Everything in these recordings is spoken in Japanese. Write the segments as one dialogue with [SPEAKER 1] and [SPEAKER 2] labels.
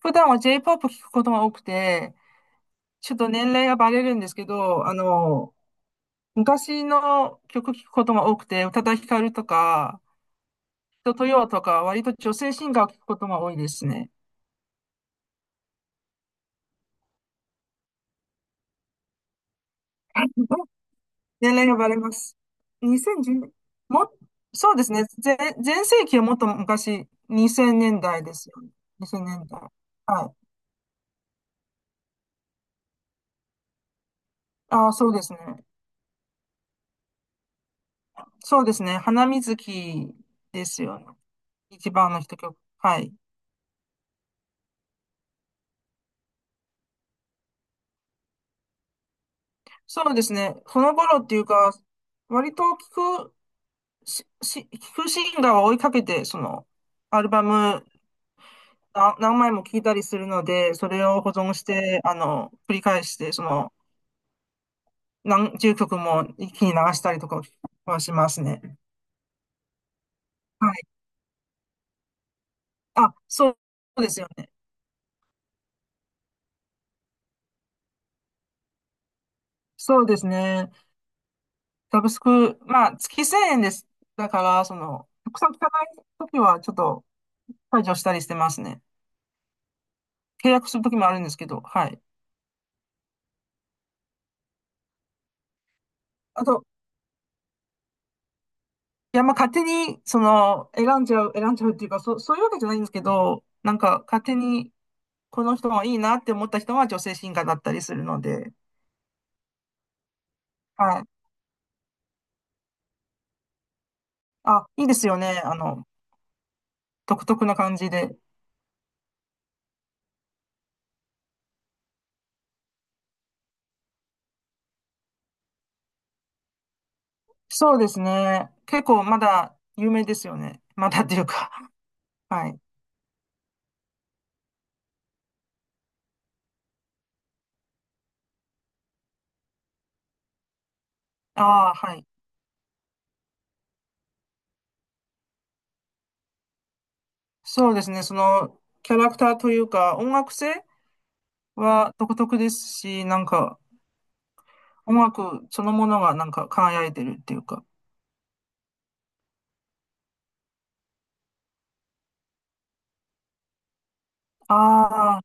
[SPEAKER 1] 普段は J-POP 聞くことが多くて、ちょっと年齢がバレるんですけど、昔の曲聞くことが多くて、宇多田ヒカルとか、人とよとか、割と女性シンガーを聞くことが多いですね。年齢がバレます。2010、も、そうですね。全盛期はもっと昔、2000年代ですよね。2000年代。はい。ああ、そうですね。そうですね。花水木ですよね。一番の一曲。はい。そうですね。ほのぼのっていうか、割と聞くし、聞くシンガーを追いかけて、アルバム何枚も聞いたりするので、それを保存して、繰り返して、何十曲も一気に流したりとかはしますね。はい。あ、そうそうですよね。そうですね。サブスク、まあ、月1000円です。だから、たくさん聞かないときは、ちょっと、解除したりしてますね。契約するときもあるんですけど、はい。あと、いや、まあ、勝手に、選んじゃうっていうか、そういうわけじゃないんですけど、なんか、勝手に、この人がいいなって思った人は女性シンガーだったりするので、はい。あ、いいですよね。独特な感じで。そうですね。結構まだ有名ですよね。まだっていうか、はい。ああ、はい。そうですね。キャラクターというか、音楽性は独特ですし、なんか、音楽そのものがなんか輝いてるっていうか。あ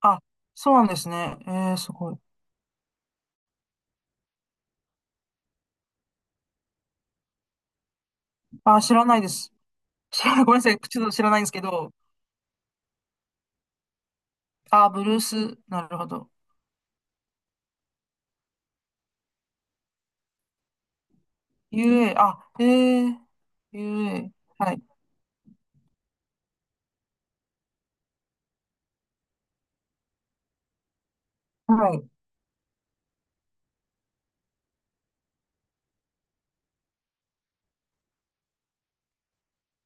[SPEAKER 1] あ、そうなんですね。すごい。あ、知らないです。知らない、ごめんなさい。ちょっと知らないんですけど。あ、ブルース、なるほど。UA、あ、ー、UA、はい。はい。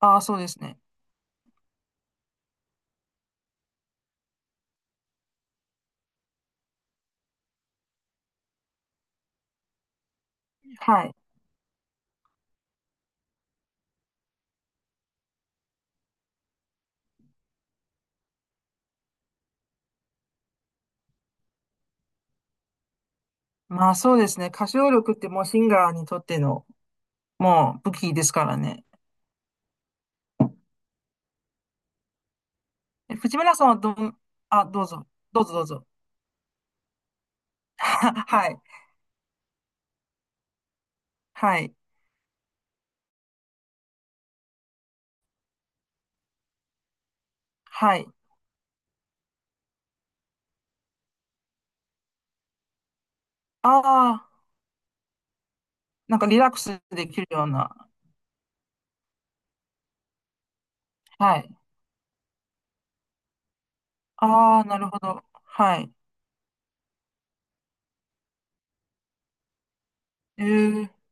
[SPEAKER 1] あ、そうですね。はい。まあそうですね。歌唱力ってもうシンガーにとっての、もう武器ですからね。藤村さんはどん、あ、どうぞ。どうぞどうぞ。はい。はい。はい。ああ、なんかリラックスできるような。はい。ああ、なるほど。はい。ええ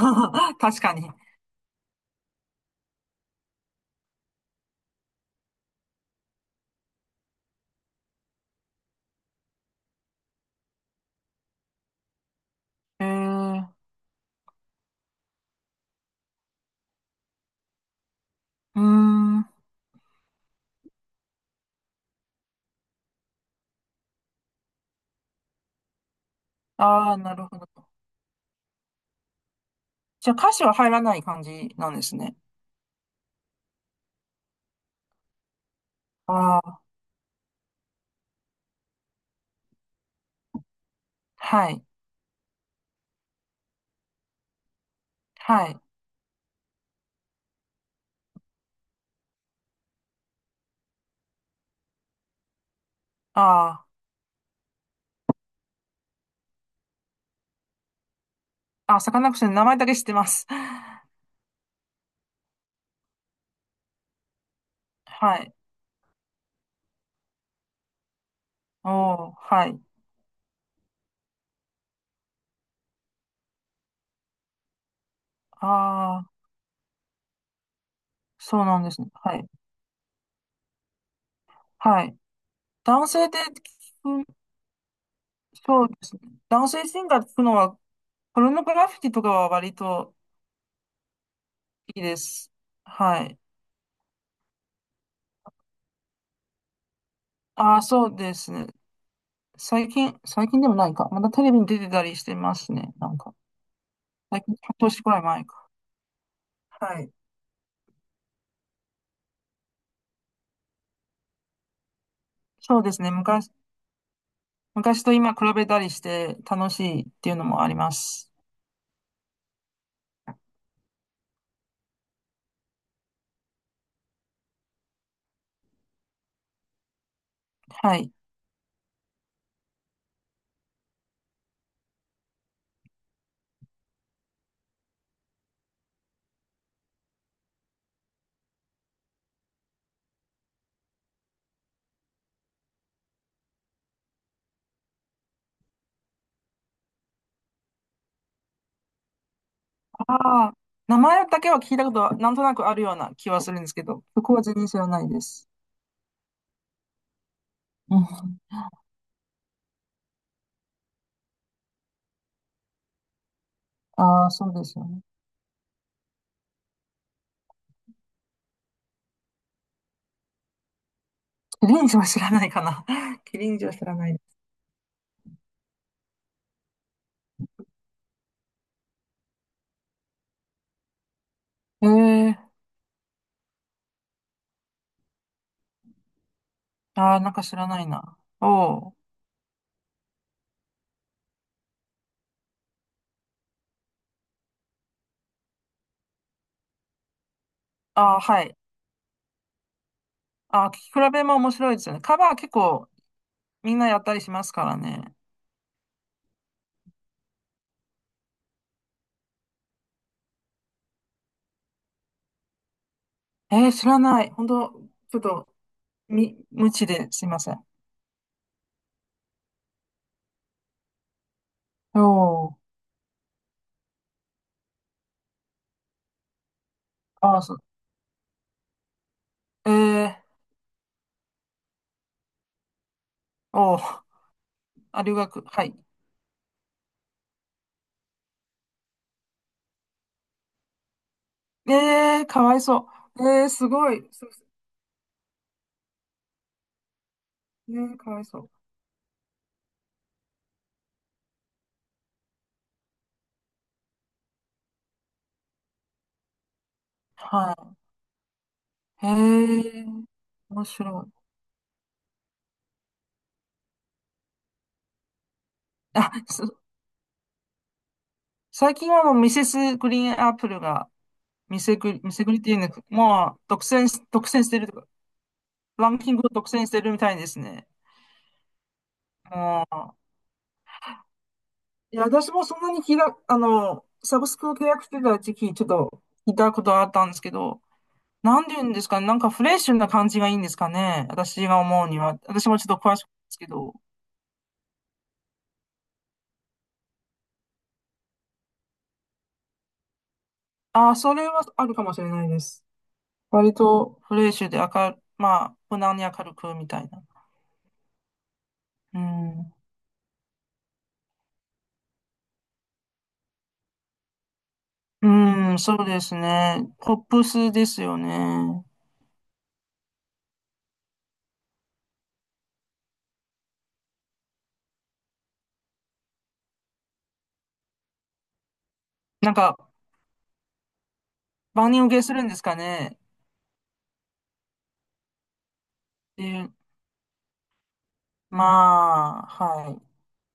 [SPEAKER 1] 確かに。えー、うーん。ああ、なるほど。じゃあ歌詞は入らない感じなんですね。ああ、はい。はい。ああ、あ、サカナクションの名前だけ知ってます。はい。おー、はい。ああ、そうなんですね。はい。はい。男性で聞く、そうですね。男性シンガーで聞くのは、ポルノグラフィティとかは割といいです。はい。ああ、そうですね。最近、最近でもないか。まだテレビに出てたりしてますね。なんか、最近、半年くらい前か。はい。そうですね。昔と今比べたりして楽しいっていうのもあります。はい。ああ、名前だけは聞いたことはなんとなくあるような気はするんですけど、そこは全然知らないです。うん。ああ、そうですよね。キリンジは知らないかな。キリンジは知らない。ええああー、なんか知らないな。おお。ああ、はい。ああ、聞き比べも面白いですよね。カバー結構みんなやったりしますからね。知らない。本当ちょっと、無知ですいません。おー。あー、そう。えー、おー。あ、留学。はい。えー、かわいそう。えー、すごい。そうすえー、かわいそう。はい。えー、面白い。あ、最近はもうミセスグリーンアップルが、ミセグリっていうのか、もう独占してるとか、ランキングを独占してるみたいですね。もういや、私もそんなに聞いた、サブスクを契約してた時期、ちょっと聞いたことがあったんですけど、なんて言うんですかね、なんかフレッシュな感じがいいんですかね、私が思うには。私もちょっと詳しくないですけど。ああ、それはあるかもしれないです。割とフレッシュで明る、まあ、無難に明るくみたいな。うん。うん、そうですね。ポップスですよね。なんか、万人受けするんですかね。っていう、まあ、はい。